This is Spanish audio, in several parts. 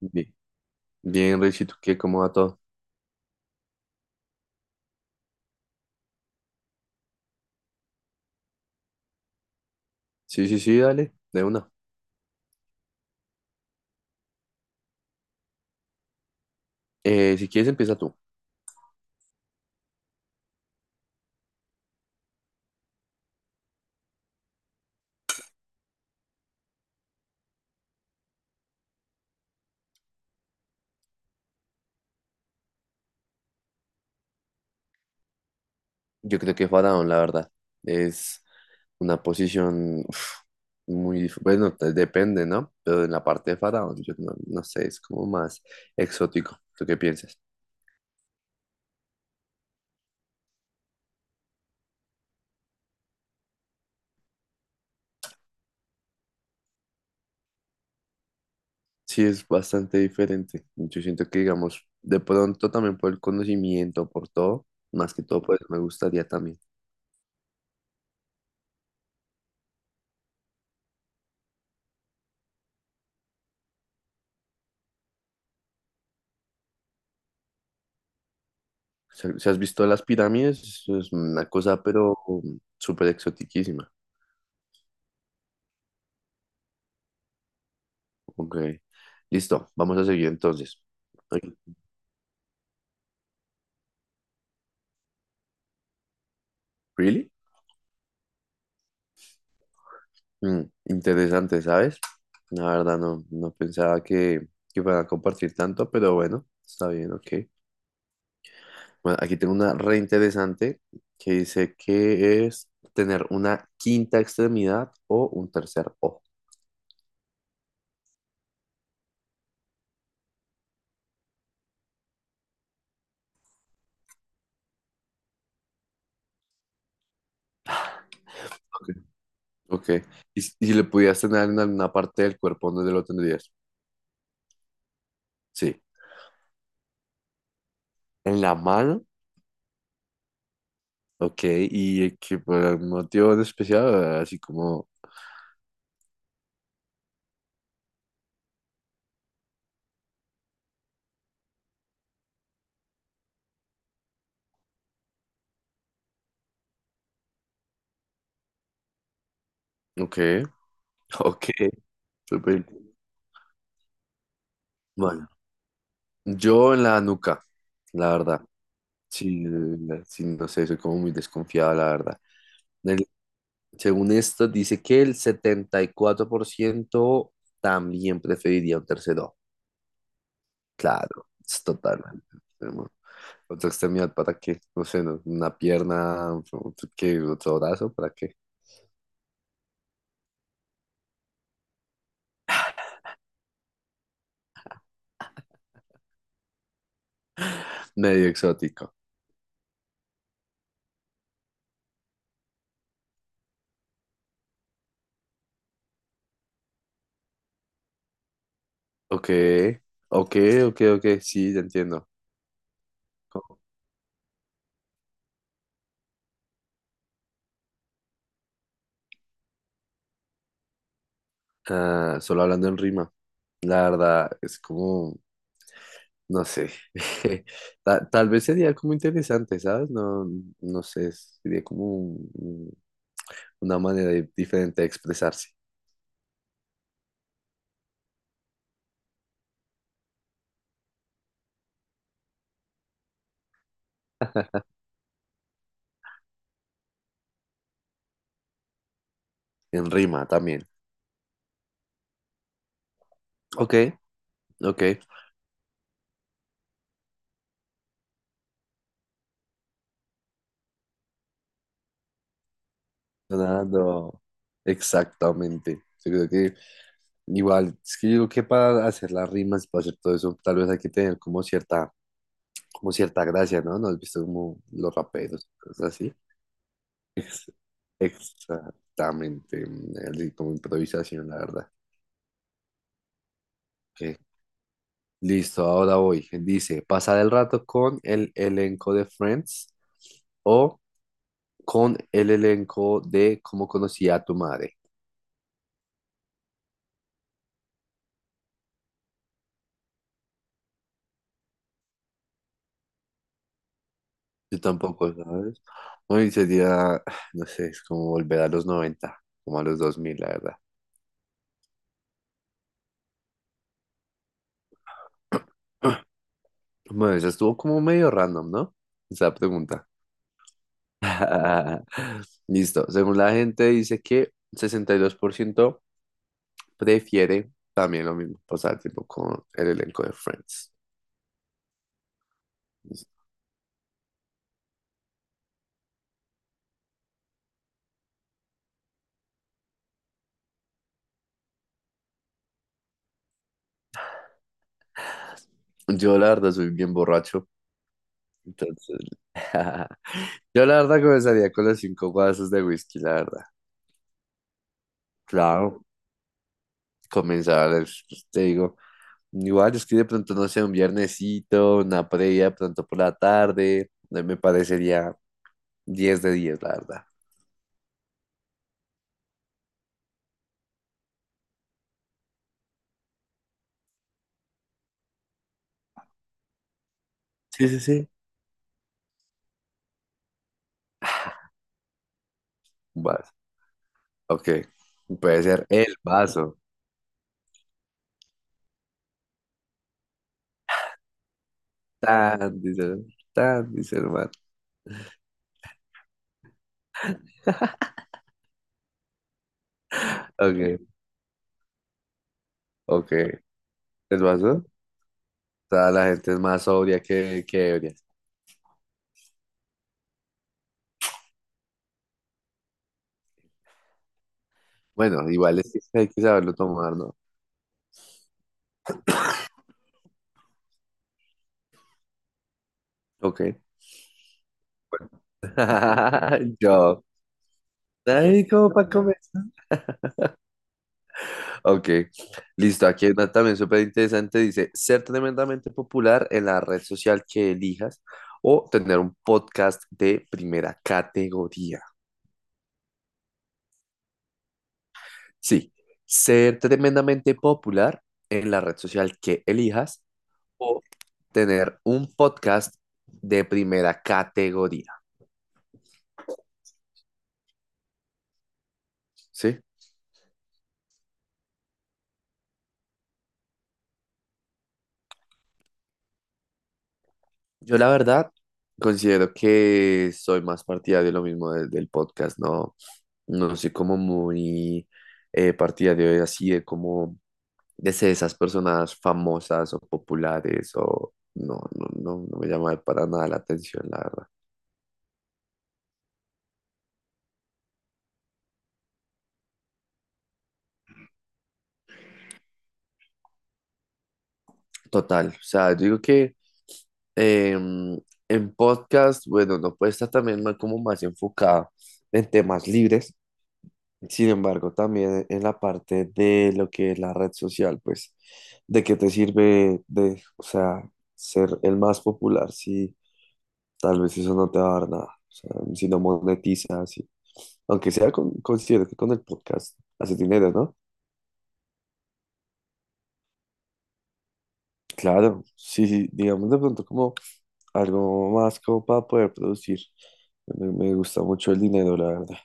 Bien, bien, Richie, ¿tú qué? ¿Cómo va todo? Sí, sí, sí, dale, de una. Si quieres, empieza tú. Yo creo que Faraón, la verdad, es una posición uf, muy Bueno, depende, ¿no? Pero en la parte de Faraón, yo no sé, es como más exótico. ¿Tú qué piensas? Sí, es bastante diferente. Yo siento que, digamos, de pronto también por el conocimiento, por todo, más que todo, pues me gustaría también. Si has visto las pirámides, es una cosa, pero súper exotiquísima. Ok. Listo, vamos a seguir entonces. Ay, ¿really? Interesante, ¿sabes? La verdad no pensaba que fueran a compartir tanto, pero bueno, está bien, ok. Bueno, aquí tengo una re interesante que dice que es tener una quinta extremidad o un tercer ojo. Ok. Ok. ¿Y si le pudieras tener en alguna parte del cuerpo, dónde lo tendrías? Sí. ¿En la mano? Ok, y que por algún motivo en especial, así como, ok, ok, súper. Bueno, yo en la nuca, la verdad. Sí, sí, no sé, soy como muy desconfiado, la verdad. El- Según esto, dice que el 74% también preferiría un tercer ojo. Claro, es totalmente enfermo. Otra extremidad para qué, no sé, no, una pierna, otro, ¿qué? Otro brazo para qué. Medio exótico. Ok, ok, ok, ok, sí, ya entiendo. Co- Solo hablando en rima, la verdad es como, no sé, tal vez sería como interesante, ¿sabes? No, no sé, sería como una manera diferente de expresarse, en rima también. Ok, ok. Sonando. Exactamente. Yo creo que igual, es que yo digo que para hacer las rimas, para hacer todo eso, tal vez hay que tener como cierta gracia, ¿no? ¿No has visto como los raperos, cosas así? Ex- Exactamente. Así como improvisación, la verdad. Ok. Listo, ahora voy. Dice, pasar el rato con el elenco de Friends o con el elenco de Cómo conocí a tu madre. Yo tampoco, ¿sabes? Hoy sería, no sé, es como volver a los 90 como a los 2000, la verdad. Bueno, eso estuvo como medio random, ¿no? Esa pregunta. Listo. Según la gente dice que 62% prefiere también lo mismo, pasar tiempo con el elenco de Friends. Listo. Yo la verdad soy bien borracho, entonces. Yo la verdad comenzaría con los cinco vasos de whisky, la verdad. Claro, comenzar, pues, te digo, igual es que de pronto, no sé, un viernesito, una previa, de pronto por la tarde, me parecería 10 de 10, la verdad. Sí, sí, sí. Un vaso, ok. Puede ser el vaso. Tan, dice, tan, dice el man. Ok, ok. ¿El vaso? Toda la gente es más sobria que ebria. Bueno, igual es que hay que saberlo tomar, ¿no? Ok. Yo. Ay, ¿cómo para comer? Ok, listo. Aquí hay una también súper interesante. Dice, ser tremendamente popular en la red social que elijas o tener un podcast de primera categoría. Sí, ser tremendamente popular en la red social que elijas o tener un podcast de primera categoría. ¿Sí? Yo la verdad considero que soy más partidario de lo mismo del podcast, no, no soy como muy partidario de así de como de ser esas personas famosas o populares o no, no, no, no me llama para nada la atención, la verdad. Total, o sea, yo digo que em, en podcast, bueno, no puede estar también como más enfocada en temas libres. Sin embargo, también en la parte de lo que es la red social, pues, ¿de qué te sirve de, o sea, ser el más popular si tal vez eso no te va a dar nada? O sea, si no monetizas, aunque sea con, considero que con el podcast haces dinero, ¿no? Claro, sí, sí, digamos de pronto como algo más como para poder producir. Me gusta mucho el dinero, la verdad.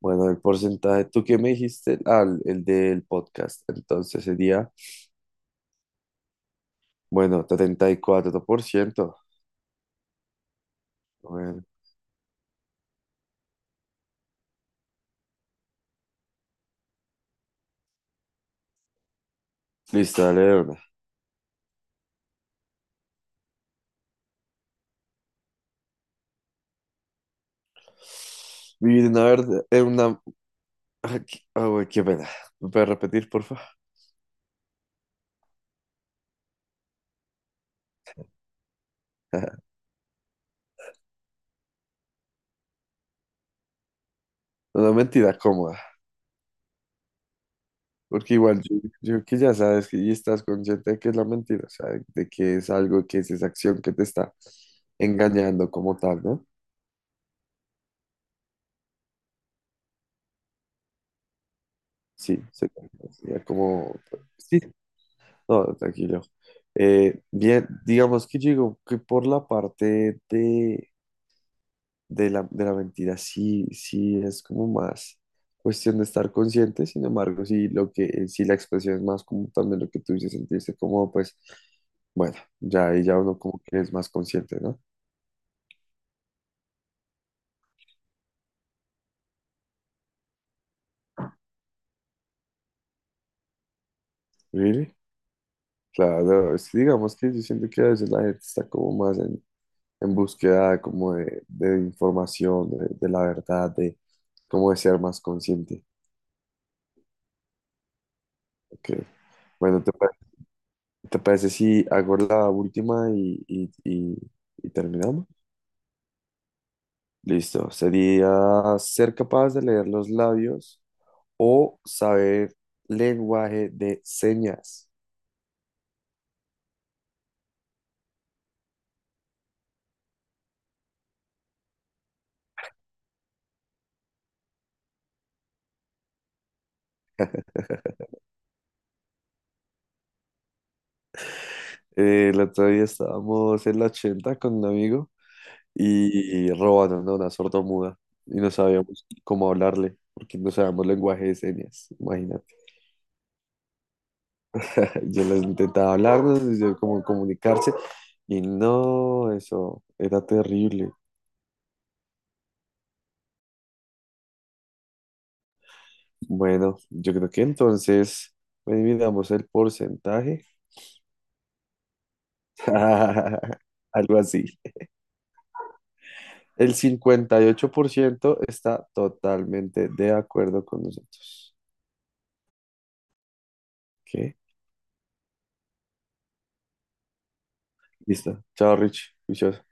Bueno, el porcentaje, ¿tú qué me dijiste? Ah, el del podcast. Entonces sería. Bueno, 74%. Bueno, listo, dale de una. Vivir en una verdad, en una. Ah, güey, qué pena. ¿Me puedes repetir, porfa? Una mentira cómoda. Porque igual yo que ya sabes que y estás consciente de que es la mentira, o sea, de que es algo, que es esa acción que te está engañando como tal, ¿no? Sí, sería como. Sí, no, tranquilo. Bien, digamos que yo digo que por la parte de la mentira sí, sí es como más cuestión de estar consciente, sin embargo, si lo que, si la expresión es más como también lo que tú dices, sentirse como, pues, bueno, ya ahí ya uno como que es más consciente, ¿no? Really? Claro, es que digamos que yo siento que a veces la gente está como más en búsqueda como de información, de la verdad, de cómo de ser más consciente. Ok. Bueno, te parece si hago la última y terminamos? Listo. Sería ser capaz de leer los labios o saber lenguaje de señas. El otro día estábamos en la 80 con un amigo y robando una sordomuda y no sabíamos cómo hablarle porque no sabíamos lenguaje de señas. Imagínate. Yo les intentaba hablarnos, yo como comunicarse y no, eso era terrible. Bueno, yo creo que entonces, dividamos el porcentaje. Algo así. El 58% está totalmente de acuerdo con nosotros. ¿Qué? Listo. Chao, Rich. Juicioso.